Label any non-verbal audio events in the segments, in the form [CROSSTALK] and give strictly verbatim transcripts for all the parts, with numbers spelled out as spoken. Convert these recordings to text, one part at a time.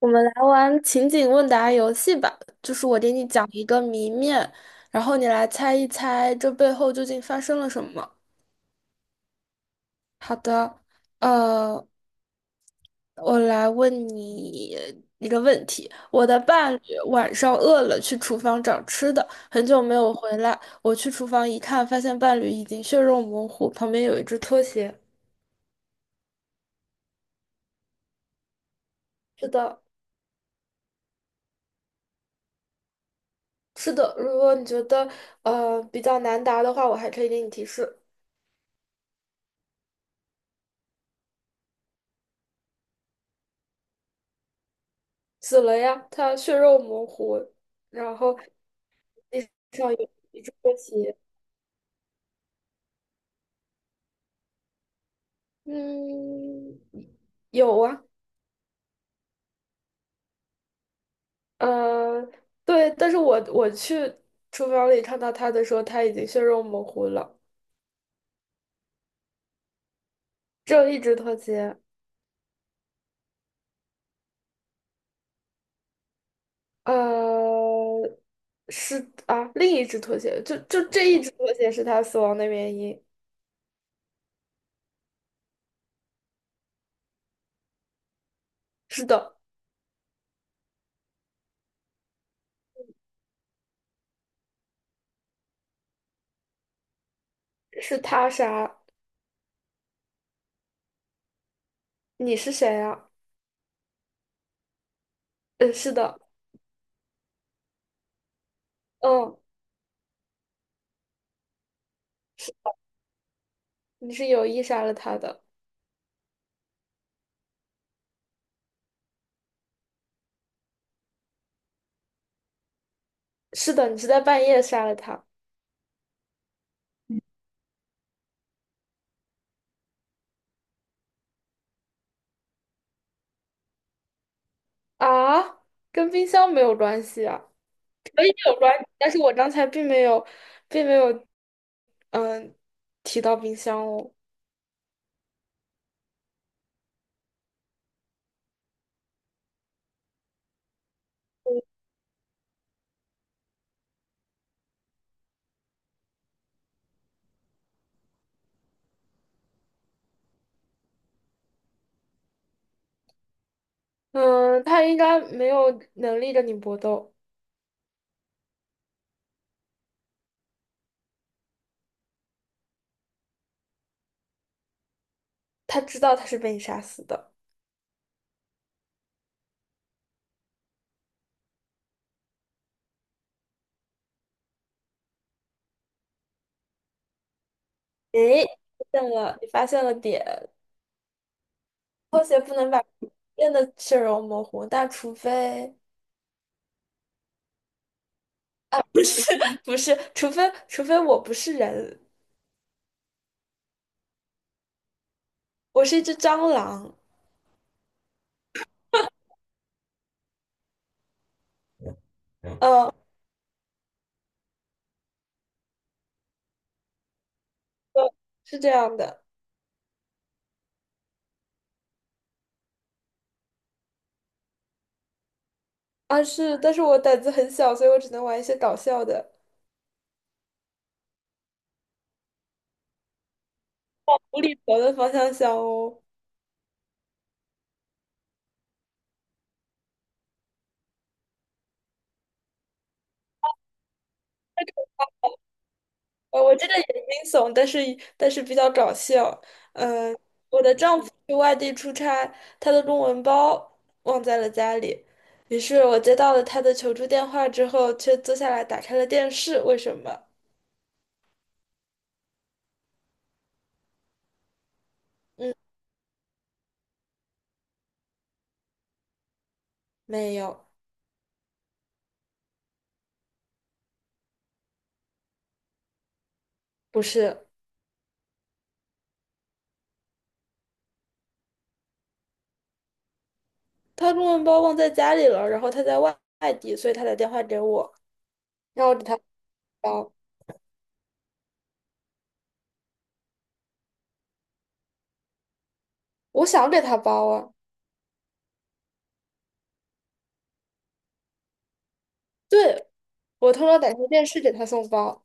我们来玩情景问答游戏吧，就是我给你讲一个谜面，然后你来猜一猜这背后究竟发生了什么。好的，呃，我来问你一个问题：我的伴侣晚上饿了，去厨房找吃的，很久没有回来。我去厨房一看，发现伴侣已经血肉模糊，旁边有一只拖鞋。是的。是的，如果你觉得呃比较难答的话，我还可以给你提示。死了呀，他血肉模糊，然后地上有一只拖鞋。嗯，有啊。呃，对，但是我我去厨房里看到他的时候，他已经血肉模糊了，只有一只拖鞋。呃，是啊，另一只拖鞋，就就这一只拖鞋是他死亡的原因。是的，是他杀。你是谁呀？嗯，是的。嗯，是你是有意杀了他的。是的，你是在半夜杀了他。啊，跟冰箱没有关系啊，有关，但是我刚才并没有，并没有，嗯，提到冰箱哦。嗯，他应该没有能力跟你搏斗，他知道他是被你杀死的。诶，发现了，你发现了点，拖鞋不能把人的血肉模糊，但除非 [LAUGHS] 不是，除非除非我不是人，我是一只蟑螂。嗯呃，是这样的。啊是，但是我胆子很小，所以我只能玩一些搞笑的。无厘头的方向想哦。我我这个也惊悚，但是但是比较搞笑。嗯、我的丈夫去外地出差，他的公文包忘在了家里，于是我接到了他的求助电话之后，却坐下来打开了电视。为什么？嗯，没有。不是，他公文包忘在家里了，然后他在外外地，所以他打电话给我，让我给他包。我想给他包啊。对，我偷偷打开电视给他送包。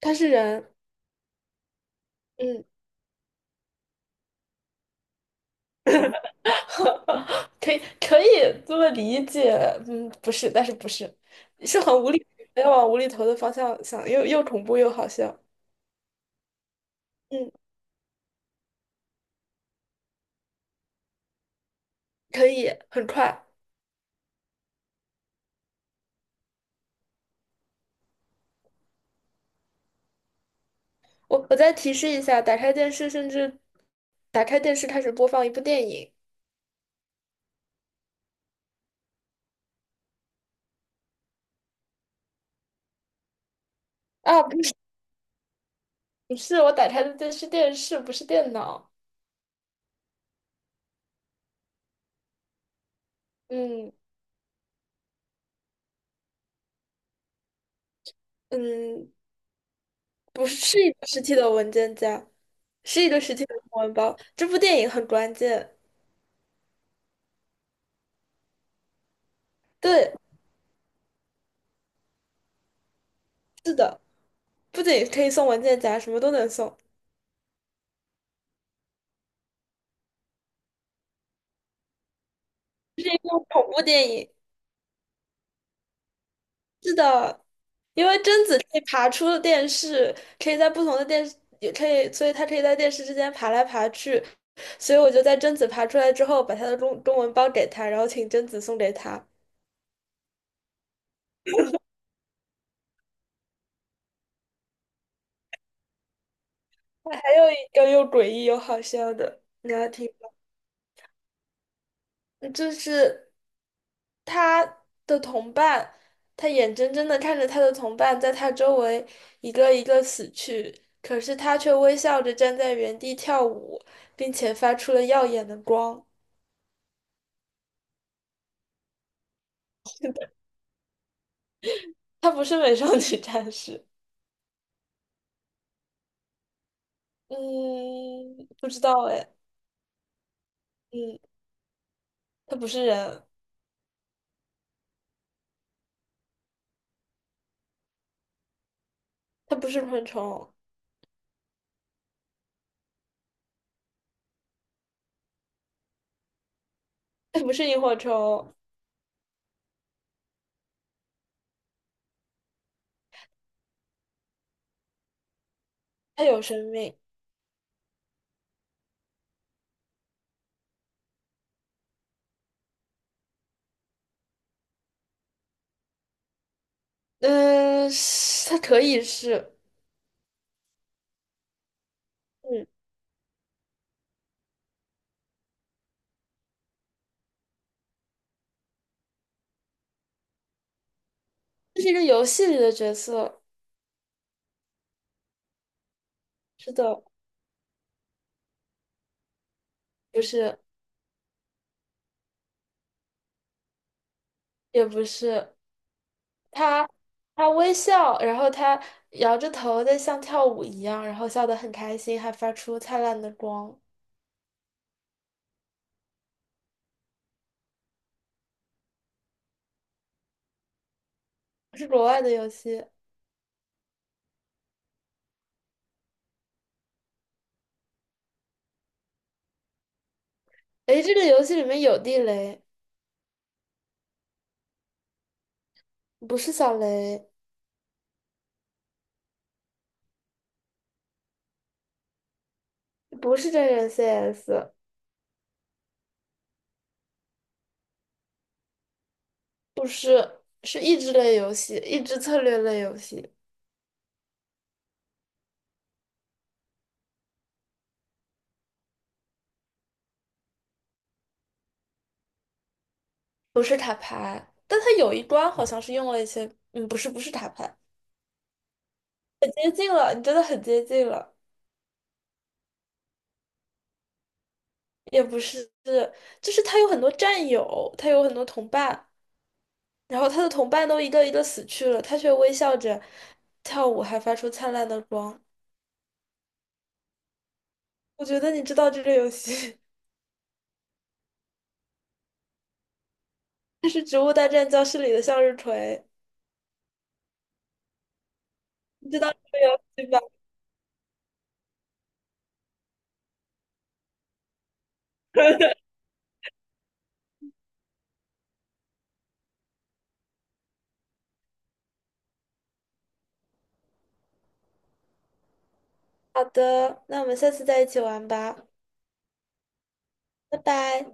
他是人。嗯。[LAUGHS] 可以可以这么理解。嗯，不是，但是不是，是很无厘，要往无厘头的方向想，又又恐怖又好笑。嗯，可以很快。我我再提示一下，打开电视，甚至打开电视开始播放一部电影。啊，不是不是，我打开的电视电视不是电脑。嗯嗯，不是是一个实体的文件夹，是一个实体的公文包。这部电影很关键，对，是的，不仅可以送文件夹，什么都能送。是一部恐怖电影。是的，因为贞子可以爬出电视，可以在不同的电视，也可以，所以她可以在电视之间爬来爬去。所以我就在贞子爬出来之后，把她的中中文包给她，然后请贞子送给她。还有一个又诡异又好笑的，你要听吗？就是。他的同伴，他眼睁睁的看着他的同伴在他周围一个一个死去，可是他却微笑着站在原地跳舞，并且发出了耀眼的光。他不是美少女战士。嗯，不知道哎。嗯，他不是人，他不是昆虫，他不是萤火虫，他有生命。嗯，是他可以是。嗯，这是一个游戏里的角色，是的，不是，也不是。他他微笑，然后他摇着头在像跳舞一样，然后笑得很开心，还发出灿烂的光。是国外的游戏。诶，这个游戏里面有地雷，不是小雷，不是真人 C S,不是，是益智类游戏，益智策略类游戏，不是塔牌。但它有一关好像是用了一些，嗯，不是，不是塔牌，很接近了，你真的很接近了，也不是，就是他有很多战友，他有很多同伴。然后他的同伴都一个一个死去了，他却微笑着跳舞，还发出灿烂的光。我觉得你知道这个游戏，[LAUGHS] 它是《植物大战僵尸》里的向日葵，你知道这个游戏吧？好的，那我们下次再一起玩吧。拜拜。